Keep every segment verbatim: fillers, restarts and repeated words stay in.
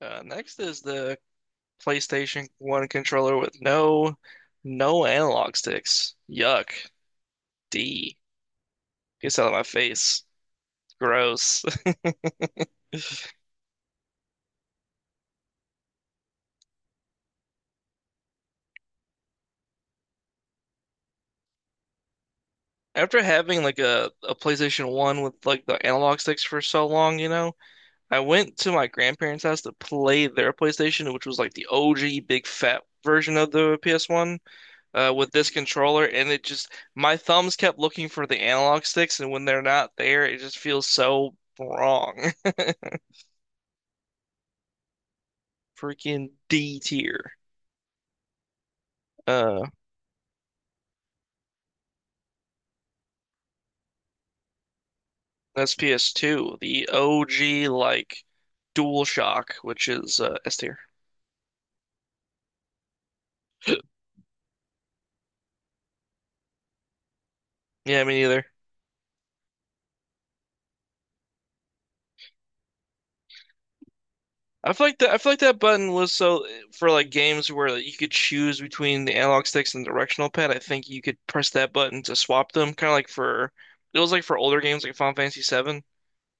Uh, next is the PlayStation one controller with no no analog sticks. Yuck. D. Gets out of my face. Gross. After having like a, a PlayStation one with like the analog sticks for so long, you know, I went to my grandparents' house to play their PlayStation, which was like the O G big fat version of the P S one uh, with this controller, and it just my thumbs kept looking for the analog sticks, and when they're not there, it just feels so wrong. Freaking D tier. Uh, that's P S two, the O G like DualShock, which is uh, S tier. Yeah, me neither. I feel like that. I feel like that button was so for like games where like, you could choose between the analog sticks and the directional pad. I think you could press that button to swap them, kind of like for It was like for older games like Final Fantasy Seven,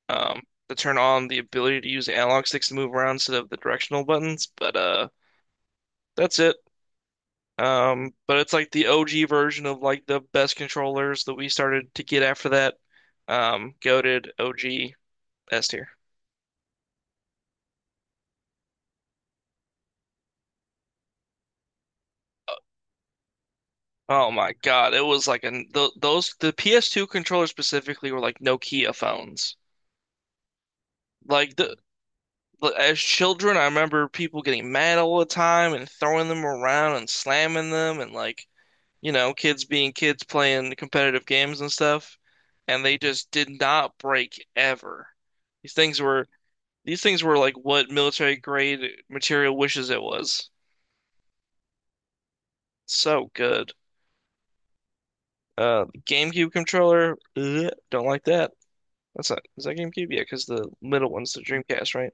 um, to turn on the ability to use the analog sticks to move around instead of the directional buttons. But uh, that's it. Um, but it's like the O G version of like the best controllers that we started to get after that. Um, goated O G S tier. Oh my God, it was like an th those the P S two controllers specifically were like Nokia phones. Like the- as children, I remember people getting mad all the time and throwing them around and slamming them and like you know kids being kids playing competitive games and stuff, and they just did not break ever. These things were These things were like what military grade material wishes it was. So good. Uh, the GameCube controller, ugh, don't like that. That's not, is that GameCube? Yeah, because the middle one's the Dreamcast, right?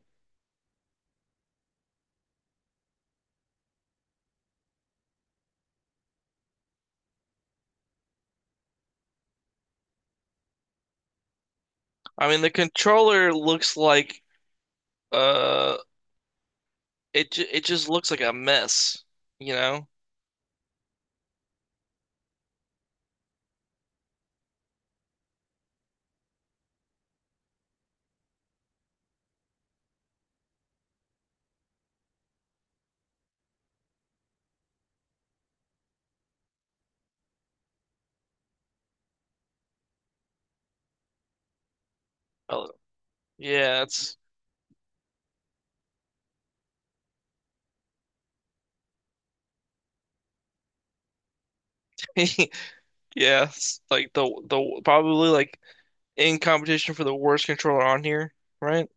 I mean, the controller looks like uh, it ju- it just looks like a mess, you know? Oh, yeah, it's yeah, it's like the the probably like in competition for the worst controller on here, right?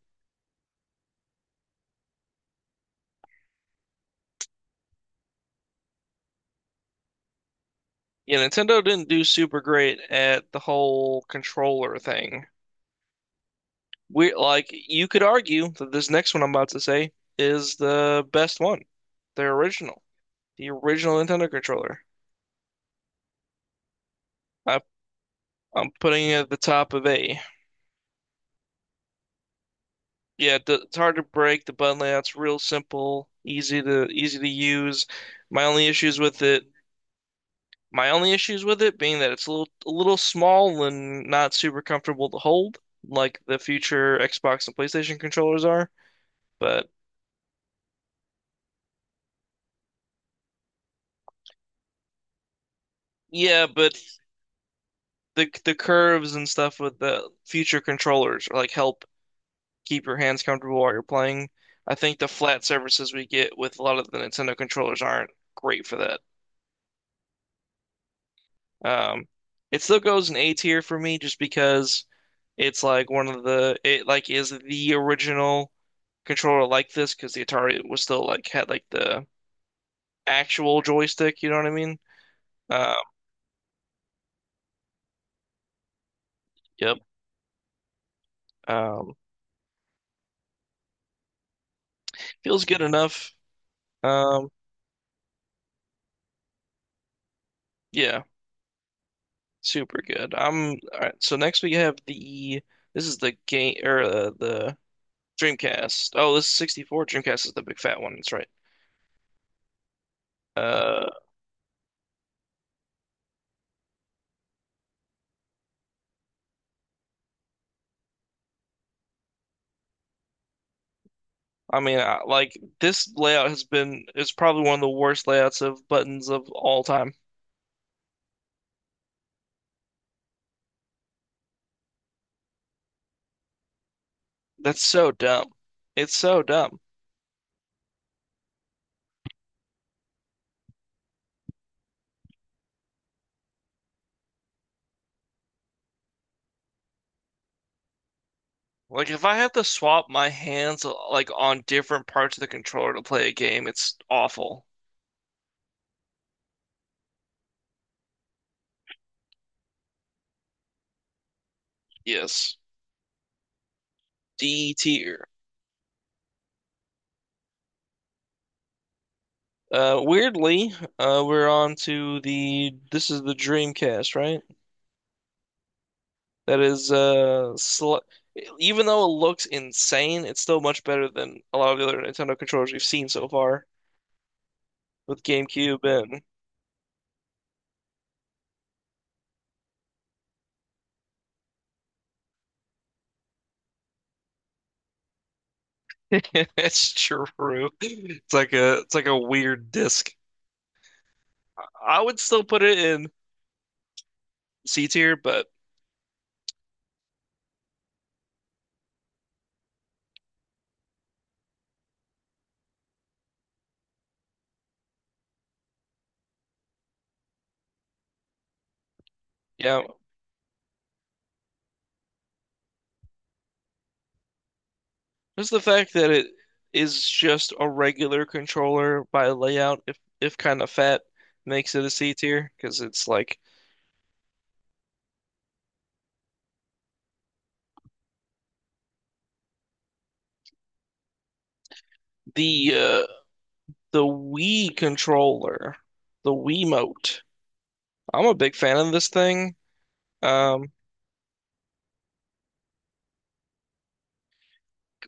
Yeah, Nintendo didn't do super great at the whole controller thing. We like you could argue that this next one I'm about to say is the best one. The original. The original Nintendo controller. I I'm putting it at the top of A. Yeah, the, it's hard to break. The button layout's real simple, easy to easy to use. My only issues with it, my only issues with it being that it's a little a little small and not super comfortable to hold, like the future Xbox and PlayStation controllers are. But yeah, but the the curves and stuff with the future controllers are like help keep your hands comfortable while you're playing. I think the flat surfaces we get with a lot of the Nintendo controllers aren't great for that. Um, it still goes in A tier for me just because it's like one of the it like is the original controller like this because the Atari was still like had like the actual joystick, you know what I mean? Um, yep. Um, Feels good enough. Um, yeah. Super good. I'm all right. So next we have the this is the game or uh, the Dreamcast. Oh, this is sixty-four. Dreamcast is the big fat one. That's right. Uh, I mean, I, like this layout has been is probably one of the worst layouts of buttons of all time. That's so dumb. It's so dumb. Like if I have to swap my hands like on different parts of the controller to play a game, it's awful. Yes. D tier. Uh, weirdly, uh, we're on to the this is the Dreamcast, right? That is uh, sl even though it looks insane, it's still much better than a lot of the other Nintendo controllers we've seen so far with GameCube and it's true. It's like a it's like a weird disc. I would still put it in C tier, but yeah, just the fact that it is just a regular controller by layout, if if kind of fat, makes it a C tier because it's like The uh, the Wii controller, the Wiimote. I'm a big fan of this thing. Um,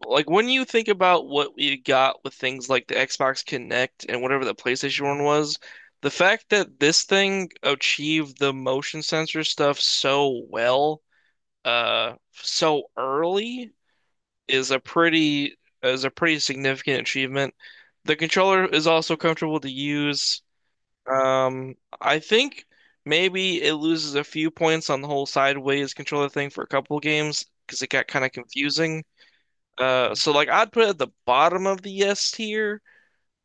like when you think about what we got with things like the Xbox Connect and whatever the PlayStation one was, the fact that this thing achieved the motion sensor stuff so well, uh, so early is a pretty is a pretty significant achievement. The controller is also comfortable to use. Um, I think maybe it loses a few points on the whole sideways controller thing for a couple games because it got kind of confusing. Uh, so like I'd put it at the bottom of the S tier,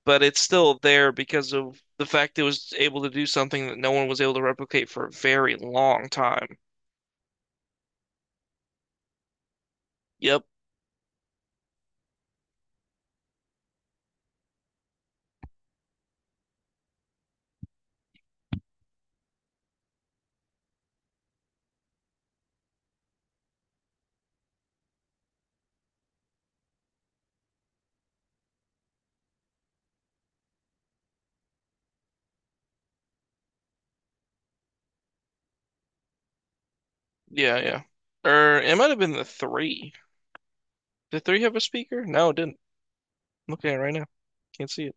but it's still there because of the fact it was able to do something that no one was able to replicate for a very long time. Yep. Yeah, yeah. Or it might have been the three. Did three have a speaker? No, it didn't. I'm looking at it right now. Can't see it.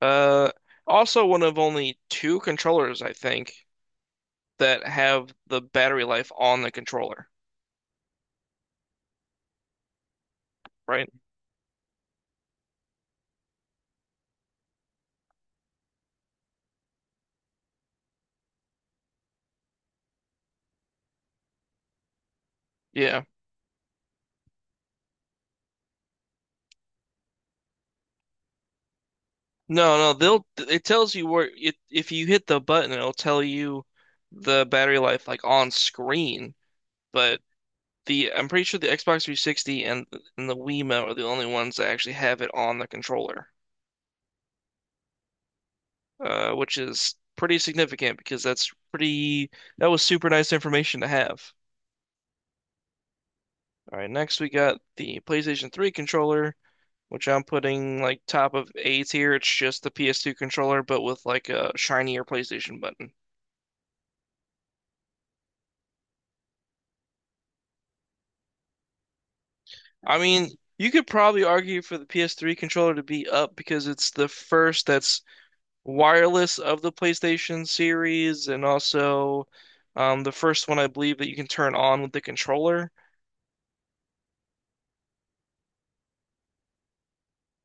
Uh, Also one of only two controllers, I think that have the battery life on the controller, right? Yeah. No, no, they'll it tells you where it if you hit the button, it'll tell you the battery life like on screen, but the I'm pretty sure the Xbox three sixty and, and the Wiimote are the only ones that actually have it on the controller, uh, which is pretty significant because that's pretty that was super nice information to have. All right, next we got the PlayStation three controller, which I'm putting like top of A tier. It's just the P S two controller, but with like a shinier PlayStation button. I mean, you could probably argue for the P S three controller to be up because it's the first that's wireless of the PlayStation series, and also um, the first one I believe that you can turn on with the controller.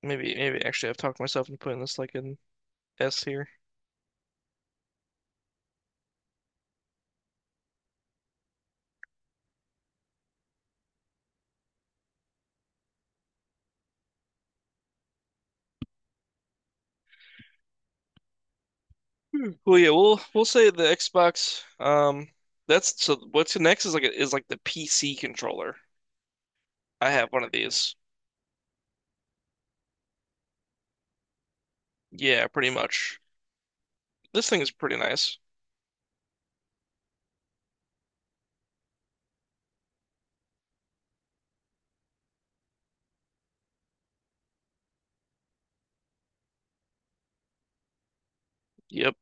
Maybe, maybe actually, I've talked myself into putting this like an S here. Hmm. Well, yeah, we'll we'll say the Xbox. Um, that's so. What's next is like a, is like the P C controller. I have one of these. Yeah, pretty much. This thing is pretty nice. Yep.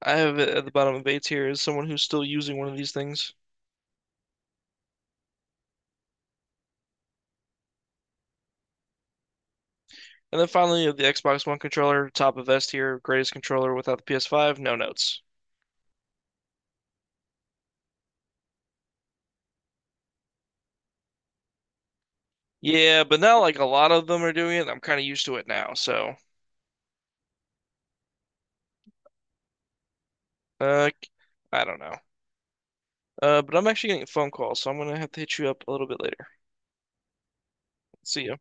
I have it at the bottom of A tier is someone who's still using one of these things. And then finally, the Xbox One controller, top of S tier, greatest controller without the P S five, no notes. Yeah, but now like a lot of them are doing it. And I'm kind of used to it now, so uh, I don't know. Uh, but I'm actually getting a phone call, so I'm gonna have to hit you up a little bit later. See ya.